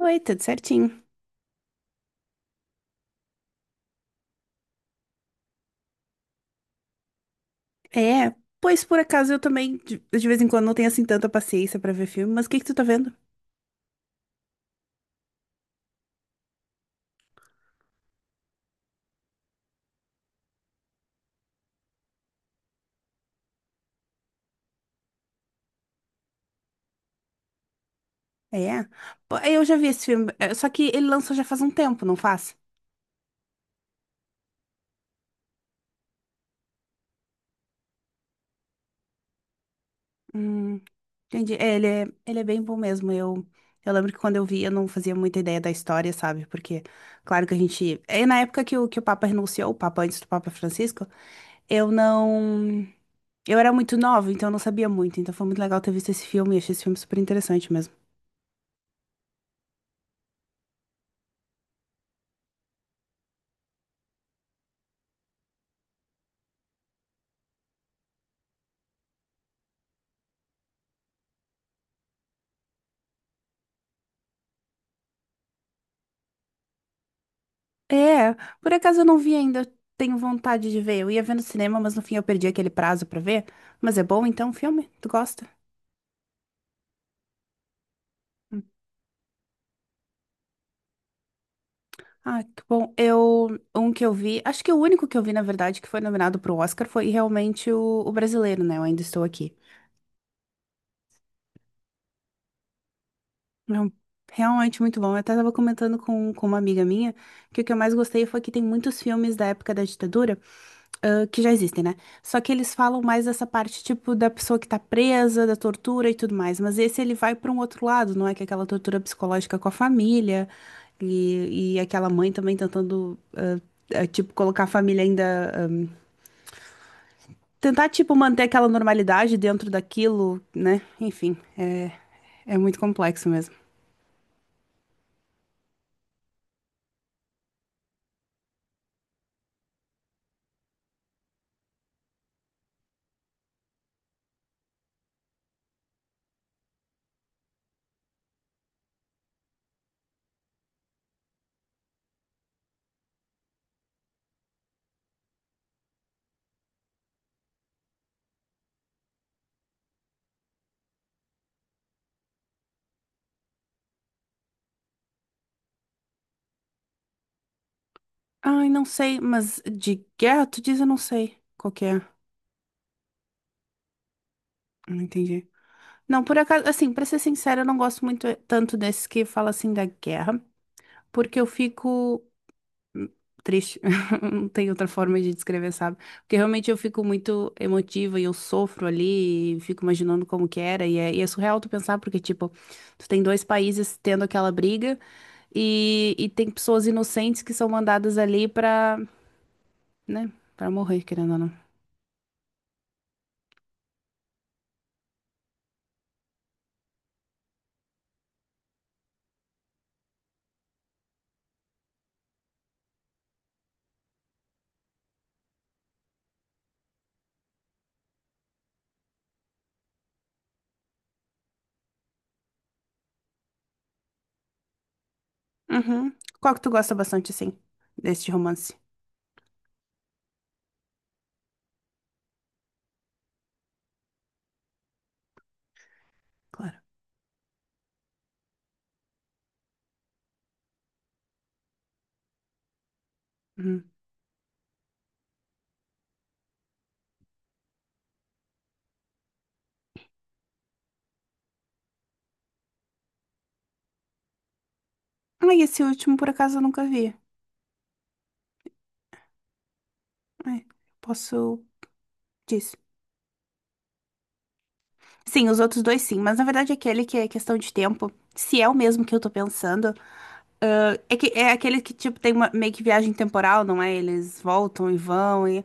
Oi, tudo certinho? É, pois por acaso eu também de vez em quando não tenho assim tanta paciência pra ver filme, mas o que que tu tá vendo? É, pô, eu já vi esse filme, só que ele lançou já faz um tempo, não faz? Hum, entendi. É, ele é bem bom mesmo. Eu lembro que quando eu vi eu não fazia muita ideia da história, sabe? Porque, claro que a gente. É na época que que o Papa renunciou, o Papa antes do Papa Francisco, eu não. Eu era muito nova, então eu não sabia muito. Então foi muito legal ter visto esse filme, e achei esse filme super interessante mesmo. É, por acaso eu não vi ainda, eu tenho vontade de ver. Eu ia ver no cinema, mas no fim eu perdi aquele prazo pra ver. Mas é bom então o filme? Tu gosta? Hum. Ah, que bom. Eu, um que eu vi, acho que o único que eu vi, na verdade, que foi nominado pro Oscar foi realmente o brasileiro, né? Eu ainda estou aqui. Não, realmente muito bom. Eu até estava comentando com uma amiga minha que o que eu mais gostei foi que tem muitos filmes da época da ditadura, ah, que já existem, né? Só que eles falam mais dessa parte, tipo, da pessoa que tá presa, da tortura e tudo mais. Mas esse ele vai para um outro lado, não é? Que é aquela tortura psicológica com a família e aquela mãe também tentando, tipo, colocar a família ainda. ah, tentar, tipo, manter aquela normalidade dentro daquilo, né? Enfim, é muito complexo mesmo. Ai, não sei, mas de guerra, tu diz, eu não sei qual que é. Não entendi. Não, por acaso, assim, pra ser sincera, eu não gosto muito tanto desses que fala assim da guerra, porque eu fico hum, triste. Não tem outra forma de descrever, sabe? Porque realmente eu fico muito emotiva e eu sofro ali, e fico imaginando como que era, e é surreal tu pensar, porque, tipo, tu tem dois países tendo aquela briga e tem pessoas inocentes que são mandadas ali pra, né, pra morrer, querendo ou não. Uhum. Qual que tu gosta bastante, assim? Deste romance, claro. Uhum. Ah, e esse último, por acaso, eu nunca vi. É, posso... Disso. Sim, os outros dois sim, mas na verdade aquele que é questão de tempo, se é o mesmo que eu tô pensando, ah, é que é aquele que, tipo, tem uma meio que viagem temporal, não é? Eles voltam e vão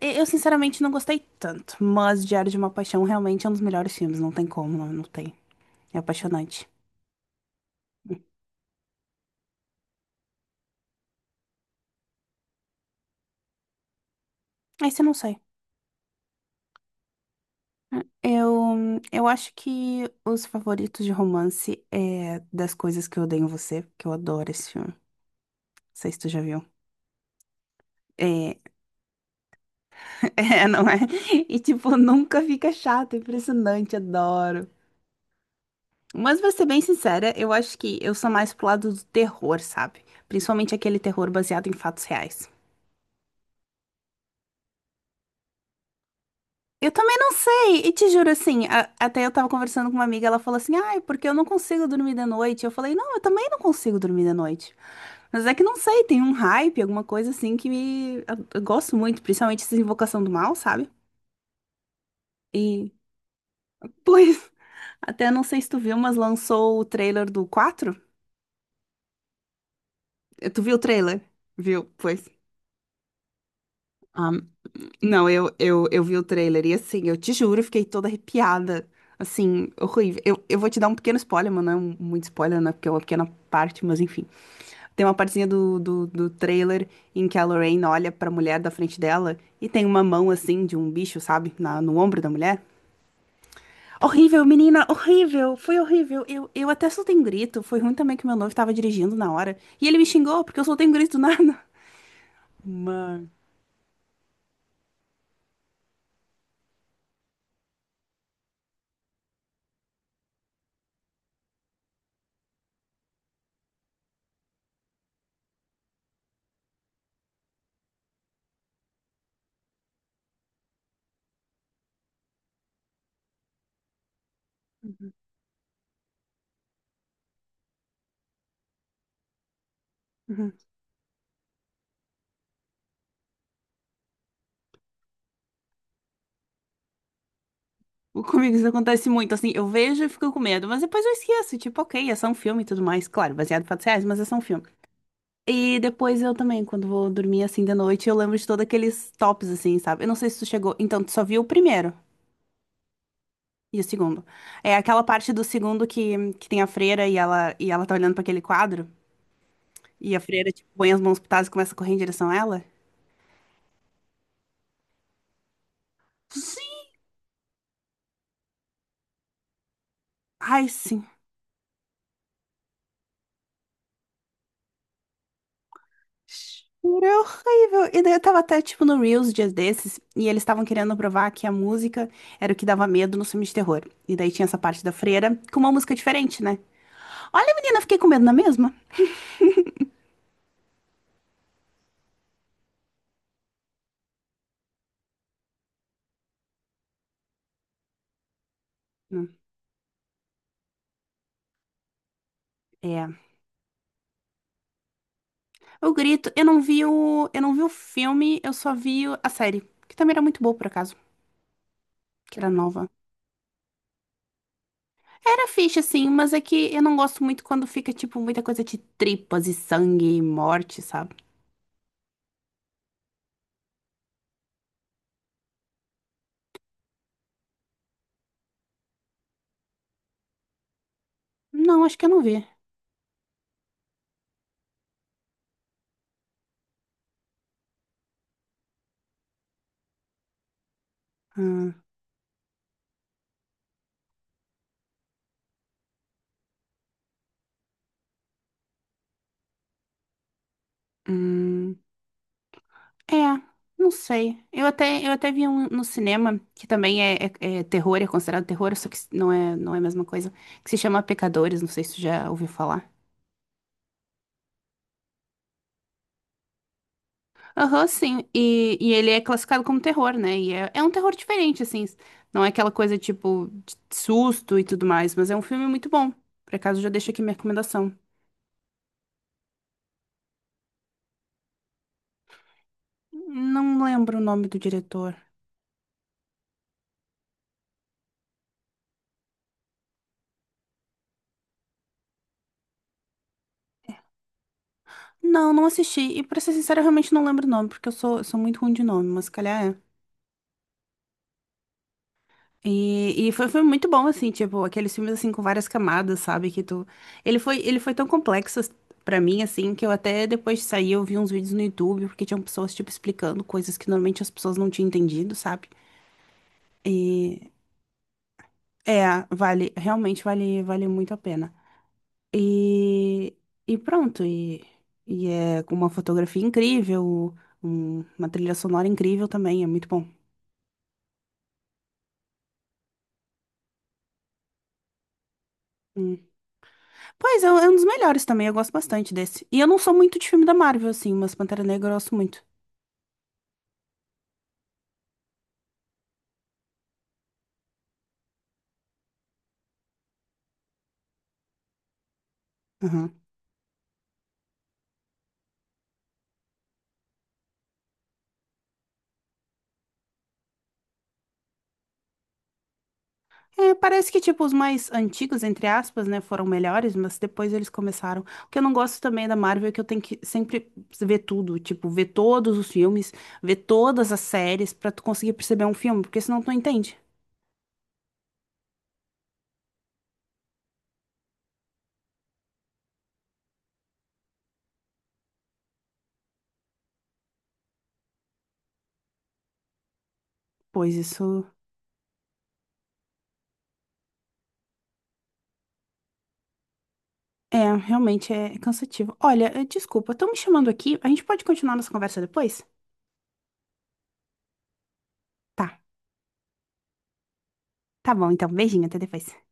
e- Eu, sinceramente, não gostei tanto, mas Diário de uma Paixão realmente é um dos melhores filmes, não tem como, não tem. É apaixonante. Esse eu não sei. Eu acho que os favoritos de romance é das coisas que eu odeio em você, porque eu adoro esse filme. Não sei se tu já viu. É, é, não é? E tipo, nunca fica chato, é impressionante, adoro. Mas pra ser bem sincera, eu acho que eu sou mais pro lado do terror, sabe? Principalmente aquele terror baseado em fatos reais. Eu também não sei, e te juro assim, a- até eu tava conversando com uma amiga, ela falou assim, ai, porque eu não consigo dormir de noite. Eu falei, não, eu também não consigo dormir de noite. Mas é que não sei, tem um hype, alguma coisa assim que me... eu gosto muito, principalmente essa Invocação do Mal, sabe? E, pois, até não sei se tu viu, mas lançou o trailer do quatro. Eh, tu viu o trailer? Viu? Pois. Ah, não, eu vi o trailer e assim, eu te juro, eu fiquei toda arrepiada. Assim, horrível. Eu vou te dar um pequeno spoiler, mas não é um- muito spoiler, né? Porque é uma pequena parte, mas enfim. Tem uma partezinha do trailer em que a Lorraine olha pra mulher da frente dela e tem uma mão assim de um bicho, sabe? Na, no ombro da mulher. Horrível, menina, horrível, foi horrível. Eu até soltei um grito. Foi ruim também que meu noivo tava dirigindo na hora. E ele me xingou porque eu soltei um grito do nada. Mano. Uhum, uhum. O- Comigo isso acontece muito, assim, eu vejo e fico com medo, mas depois eu esqueço, tipo, ok, é só um filme e tudo mais. Claro, baseado em fatos reais, mas é só um filme. E depois eu também, quando vou dormir assim de noite, eu lembro de todos aqueles tops, assim, sabe? Eu não sei se tu chegou. Então, tu só viu o primeiro e o segundo. É aquela parte do segundo que tem a freira e ela tá olhando pra aquele quadro. E a freira, tipo, põe as mãos pitadas e começa a correr em direção a ela. Sim. Ai, sim. É horrível. E daí eu tava até, tipo, no Reels dias desses, e eles estavam querendo provar que a música era o que dava medo nos filmes de terror. E daí tinha essa parte da freira com uma música diferente, né? Olha, menina, eu fiquei com medo na mesma. Hum, É. Eu grito. Eu não vi eu não vi o filme, eu só vi o- a série, que também era muito boa por acaso, que era nova. Era fixe assim, mas é que eu não gosto muito quando fica tipo muita coisa de tripas e sangue e morte, sabe? Não, acho que eu não vi. Hum, hum, é, não sei. Eu até vi um no cinema que também é- é terror, é considerado terror, só que não é a mesma coisa, que se chama Pecadores, não sei se tu já ouviu falar. Aham, sim. E ele é classificado como terror, né? E é um terror diferente, assim. Não é aquela coisa tipo de susto e tudo mais, mas é um filme muito bom. Por acaso, já deixo aqui minha recomendação. Não lembro o nome do diretor. Não, não assisti. E pra ser sincera, eu realmente não lembro o nome, porque eu sou muito ruim de nome, mas se calhar é. Foi, foi muito bom, assim, tipo, aqueles filmes, assim, com várias camadas, sabe, que tu... ele foi tão complexo pra mim, assim, que eu até depois de sair eu vi uns vídeos no YouTube, porque tinham pessoas, tipo, explicando coisas que normalmente as pessoas não tinham entendido, sabe? E, é, vale, realmente vale muito a pena. E, e pronto, e, e é com uma fotografia incrível, um- uma trilha sonora incrível também, é muito bom. Pois, é um dos melhores também, eu gosto bastante desse. E eu não sou muito de filme da Marvel, assim, mas Pantera Negra eu gosto muito. Aham. É, parece que, tipo, os mais antigos, entre aspas, né, foram melhores, mas depois eles começaram. O que eu não gosto também da Marvel é que eu tenho que sempre ver tudo, tipo, ver todos os filmes, ver todas as séries pra tu conseguir perceber um filme, porque senão tu não entende. Pois isso é, realmente é cansativo. Olha, desculpa, estão me chamando aqui, a gente pode continuar nossa conversa depois? Tá, tá bom, então, beijinho, até depois.